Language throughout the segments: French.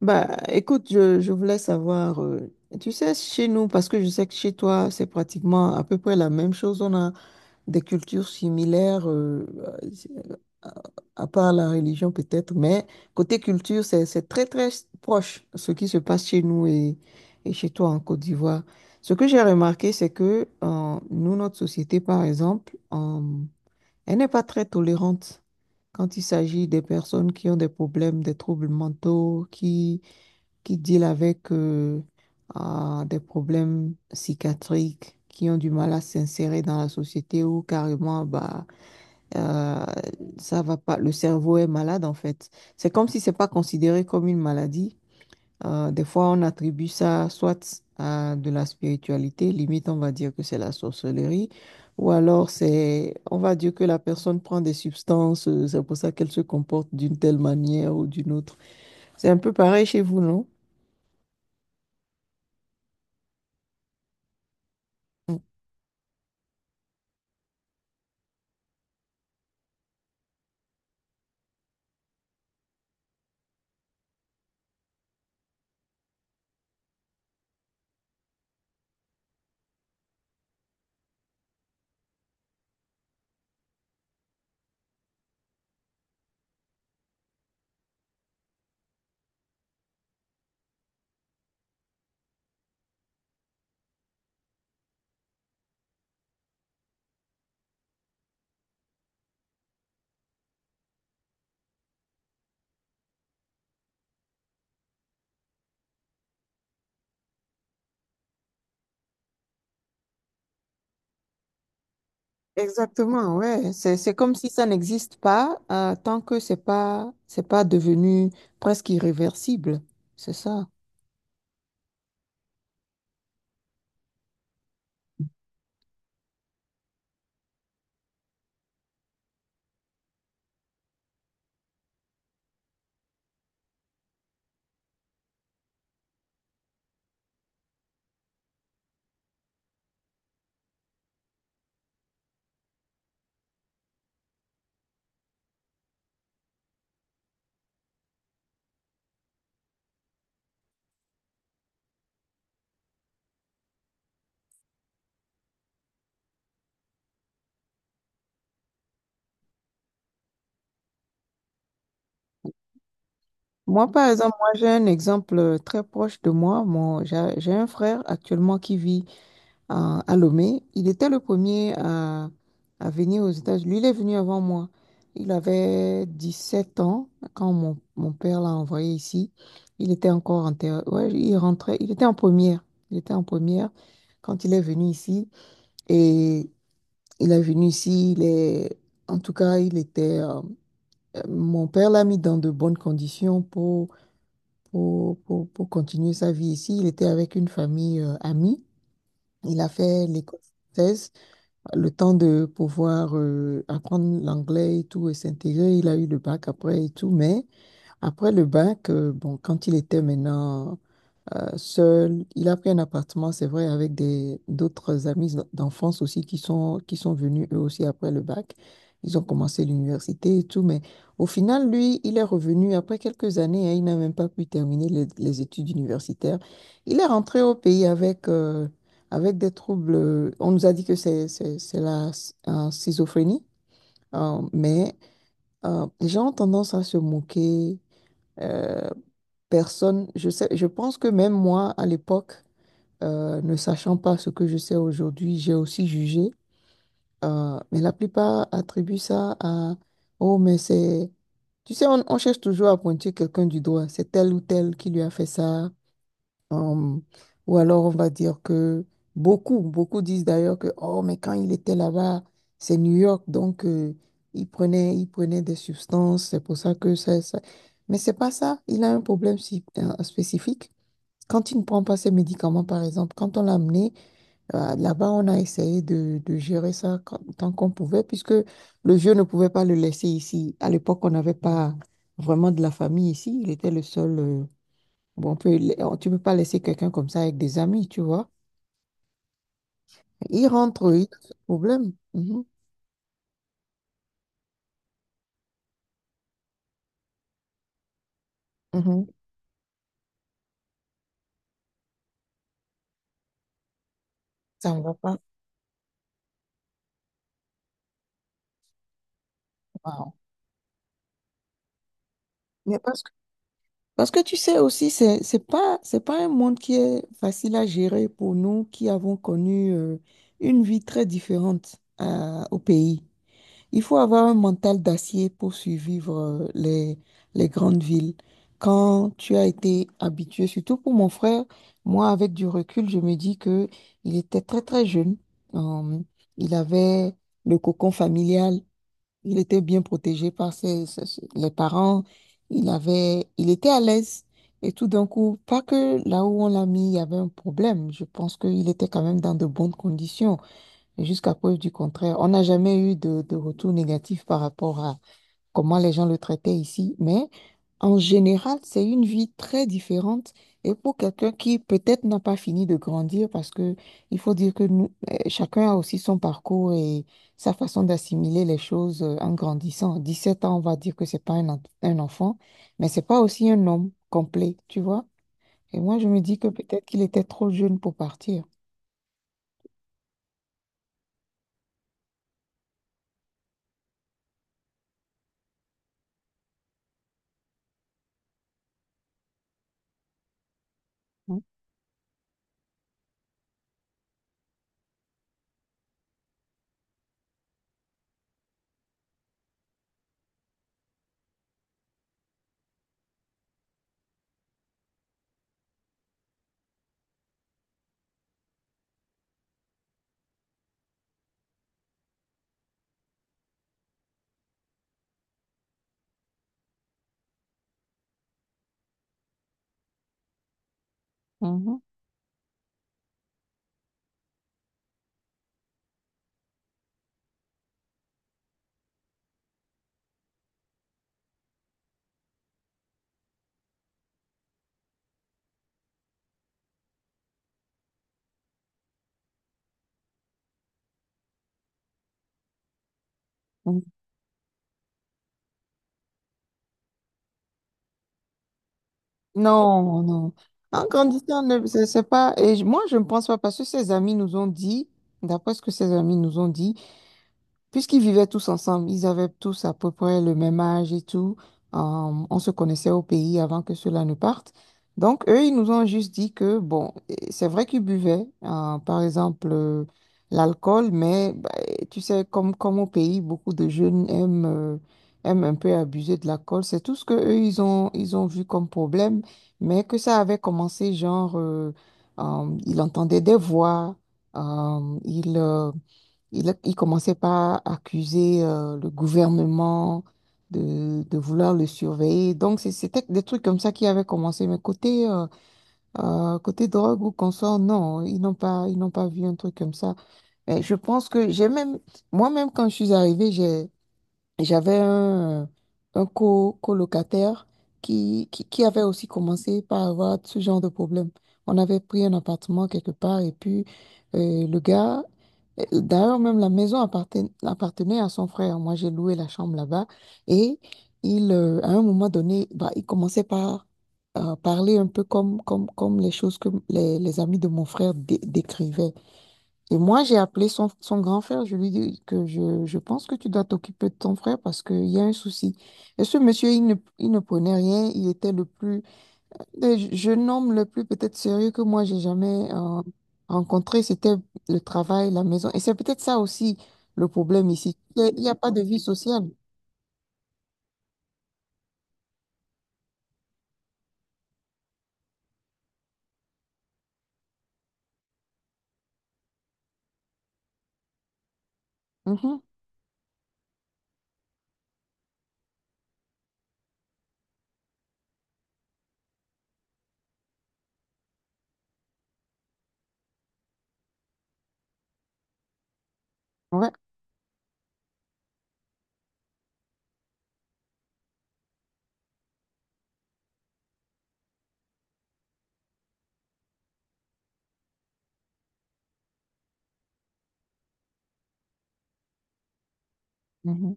Écoute, je voulais savoir, tu sais, chez nous, parce que je sais que chez toi, c'est pratiquement à peu près la même chose. On a des cultures similaires, à, à part la religion peut-être, mais côté culture, c'est très, très proche ce qui se passe chez nous et chez toi en Côte d'Ivoire. Ce que j'ai remarqué, c'est que nous, notre société, par exemple, elle n'est pas très tolérante quand il s'agit des personnes qui ont des problèmes, des troubles mentaux, qui deal avec des problèmes psychiatriques, qui ont du mal à s'insérer dans la société ou carrément, bah, euh, ça va pas, le cerveau est malade en fait. C'est comme si c'est pas considéré comme une maladie. Des fois, on attribue ça soit à de la spiritualité, limite on va dire que c'est la sorcellerie, ou alors c'est, on va dire que la personne prend des substances, c'est pour ça qu'elle se comporte d'une telle manière ou d'une autre. C'est un peu pareil chez vous, non? Exactement, ouais. C'est comme si ça n'existe pas tant que c'est pas devenu presque irréversible. C'est ça. Moi, par exemple, moi, j'ai un exemple très proche de moi. J'ai un frère actuellement qui vit à Lomé. Il était le premier à venir aux États-Unis. Lui, il est venu avant moi. Il avait 17 ans quand mon père l'a envoyé ici. Il était encore en terre. Ouais, il rentrait. Il était en première. Il était en première quand il est venu ici. Et il est venu ici, il est... en tout cas, il était... Mon père l'a mis dans de bonnes conditions pour continuer sa vie ici. Il était avec une famille amie. Il a fait l'école française, le temps de pouvoir apprendre l'anglais et tout et s'intégrer. Il a eu le bac après et tout. Mais après le bac, bon, quand il était maintenant seul, il a pris un appartement, c'est vrai, avec des d'autres amis d'enfance aussi qui sont venus eux aussi après le bac. Ils ont commencé l'université et tout, mais au final, lui, il est revenu après quelques années, hein, il n'a même pas pu terminer les études universitaires. Il est rentré au pays avec, avec des troubles. On nous a dit que c'est la schizophrénie, mais les gens ont tendance à se moquer. euh, Personne, je sais, je pense que même moi, à l'époque, ne sachant pas ce que je sais aujourd'hui, j'ai aussi jugé. Mais la plupart attribuent ça à, oh, mais c'est... Tu sais, on cherche toujours à pointer quelqu'un du doigt. C'est tel ou tel qui lui a fait ça. Euh, ou alors, on va dire que beaucoup, beaucoup disent d'ailleurs que, oh, mais quand il était là-bas, c'est New York, donc il prenait des substances. C'est pour ça que ça... Mais c'est pas ça. Il a un problème spécifique. Quand il ne prend pas ses médicaments, par exemple, quand on l'a amené, là-bas, on a essayé de gérer ça quand- tant qu'on pouvait, puisque le vieux ne pouvait pas le laisser ici. À l'époque, on n'avait pas vraiment de la famille ici. Il était le seul. On- tu ne peux pas laisser quelqu'un comme ça avec des amis, tu vois. Il rentre, il a ce problème. Mhm, mhm. Ça ne va pas. Wow. Mais parce que, parce que tu sais aussi, c'est pas un monde qui est facile à gérer pour nous qui avons connu une vie très différente au pays. Il faut avoir un mental d'acier pour survivre les grandes villes. Quand tu as été habitué, surtout pour mon frère, moi, avec du recul, je me dis que il était très, très jeune. Euh, il avait le cocon familial. Il était bien protégé par les parents. Il était à l'aise. Et tout d'un coup, pas que là où on l'a mis, il y avait un problème. Je pense qu'il était quand même dans de bonnes conditions. Et jusqu'à preuve du contraire, on n'a jamais eu de retour négatif par rapport à comment les gens le traitaient ici. Mais en général, c'est une vie très différente. Et pour quelqu'un qui peut-être n'a pas fini de grandir, parce que il faut dire que nous, eh, chacun a aussi son parcours et sa façon d'assimiler les choses en grandissant. 17 ans, on va dire que c'est pas un, un enfant, mais c'est pas aussi un homme complet, tu vois. Et moi, je me dis que peut-être qu'il était trop jeune pour partir. Mhm, mhm. Non, non. En grandissant, c'est pas. Et moi, je ne pense pas parce que ses amis nous ont dit, d'après ce que ses amis nous ont dit, puisqu'ils vivaient tous ensemble, ils avaient tous à peu près le même âge et tout. euh, on se connaissait au pays avant que cela ne parte. Donc, eux, ils nous ont juste dit que, bon, c'est vrai qu'ils buvaient, par exemple, l'alcool, mais bah, eh, tu sais, comme au pays, beaucoup de jeunes aiment, aiment un peu abuser de l'alcool. C'est tout ce que eux, ils ont vu comme problème, mais que ça avait commencé, genre, ils entendaient des voix, euh, ils... euh, il commençait par accuser le gouvernement de vouloir le surveiller. Donc, c'était des trucs comme ça qui avaient commencé. Mais côté drogue ou consort, non, ils n'ont pas vu un truc comme ça. Mais je pense que moi-même, quand je suis arrivée, j'avais un co colocataire qui avait aussi commencé par avoir ce genre de problème. On avait pris un appartement quelque part et puis le gars, d'ailleurs même la maison appartenait à son frère. Moi, j'ai loué la chambre là-bas et à un moment donné, bah, il commençait par parler un peu comme les choses que les amis de mon frère décrivaient. Et moi, j'ai appelé son grand frère. Je lui dis que je pense que tu dois t'occuper de ton frère parce qu'il y a un souci. Et ce monsieur, il ne prenait rien. Il était le plus, le jeune homme le plus peut-être sérieux que moi, j'ai jamais rencontré. C'était le travail, la maison. Et c'est peut-être ça aussi le problème ici. Il n'y a y a pas de vie sociale. Mhm. Ouais. Mhm.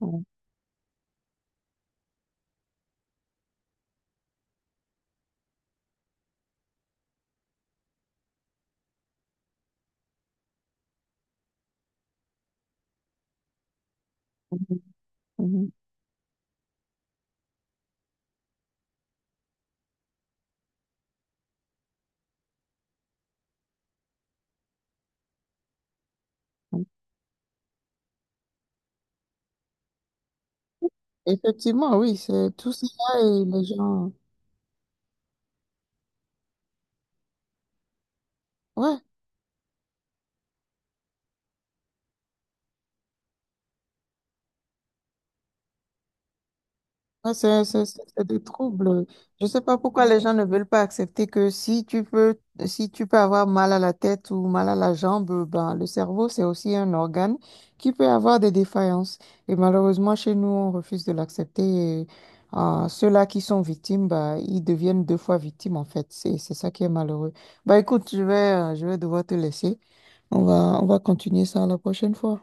Ouais. Mhm. Mhm. Mhm. Effectivement, oui, c'est tout ça et les gens. Ouais. Non, c'est c'est des troubles. Je ne sais pas pourquoi les gens ne veulent pas accepter que si tu peux avoir mal à la tête ou mal à la jambe, ben, le cerveau, c'est aussi un organe qui peut avoir des défaillances. Et malheureusement, chez nous, on refuse de l'accepter. Et, ceux-là qui sont victimes, bah, ils deviennent deux fois victimes, en fait. C'est ça qui est malheureux. Bah, écoute, je vais devoir te laisser. On va continuer ça la prochaine fois.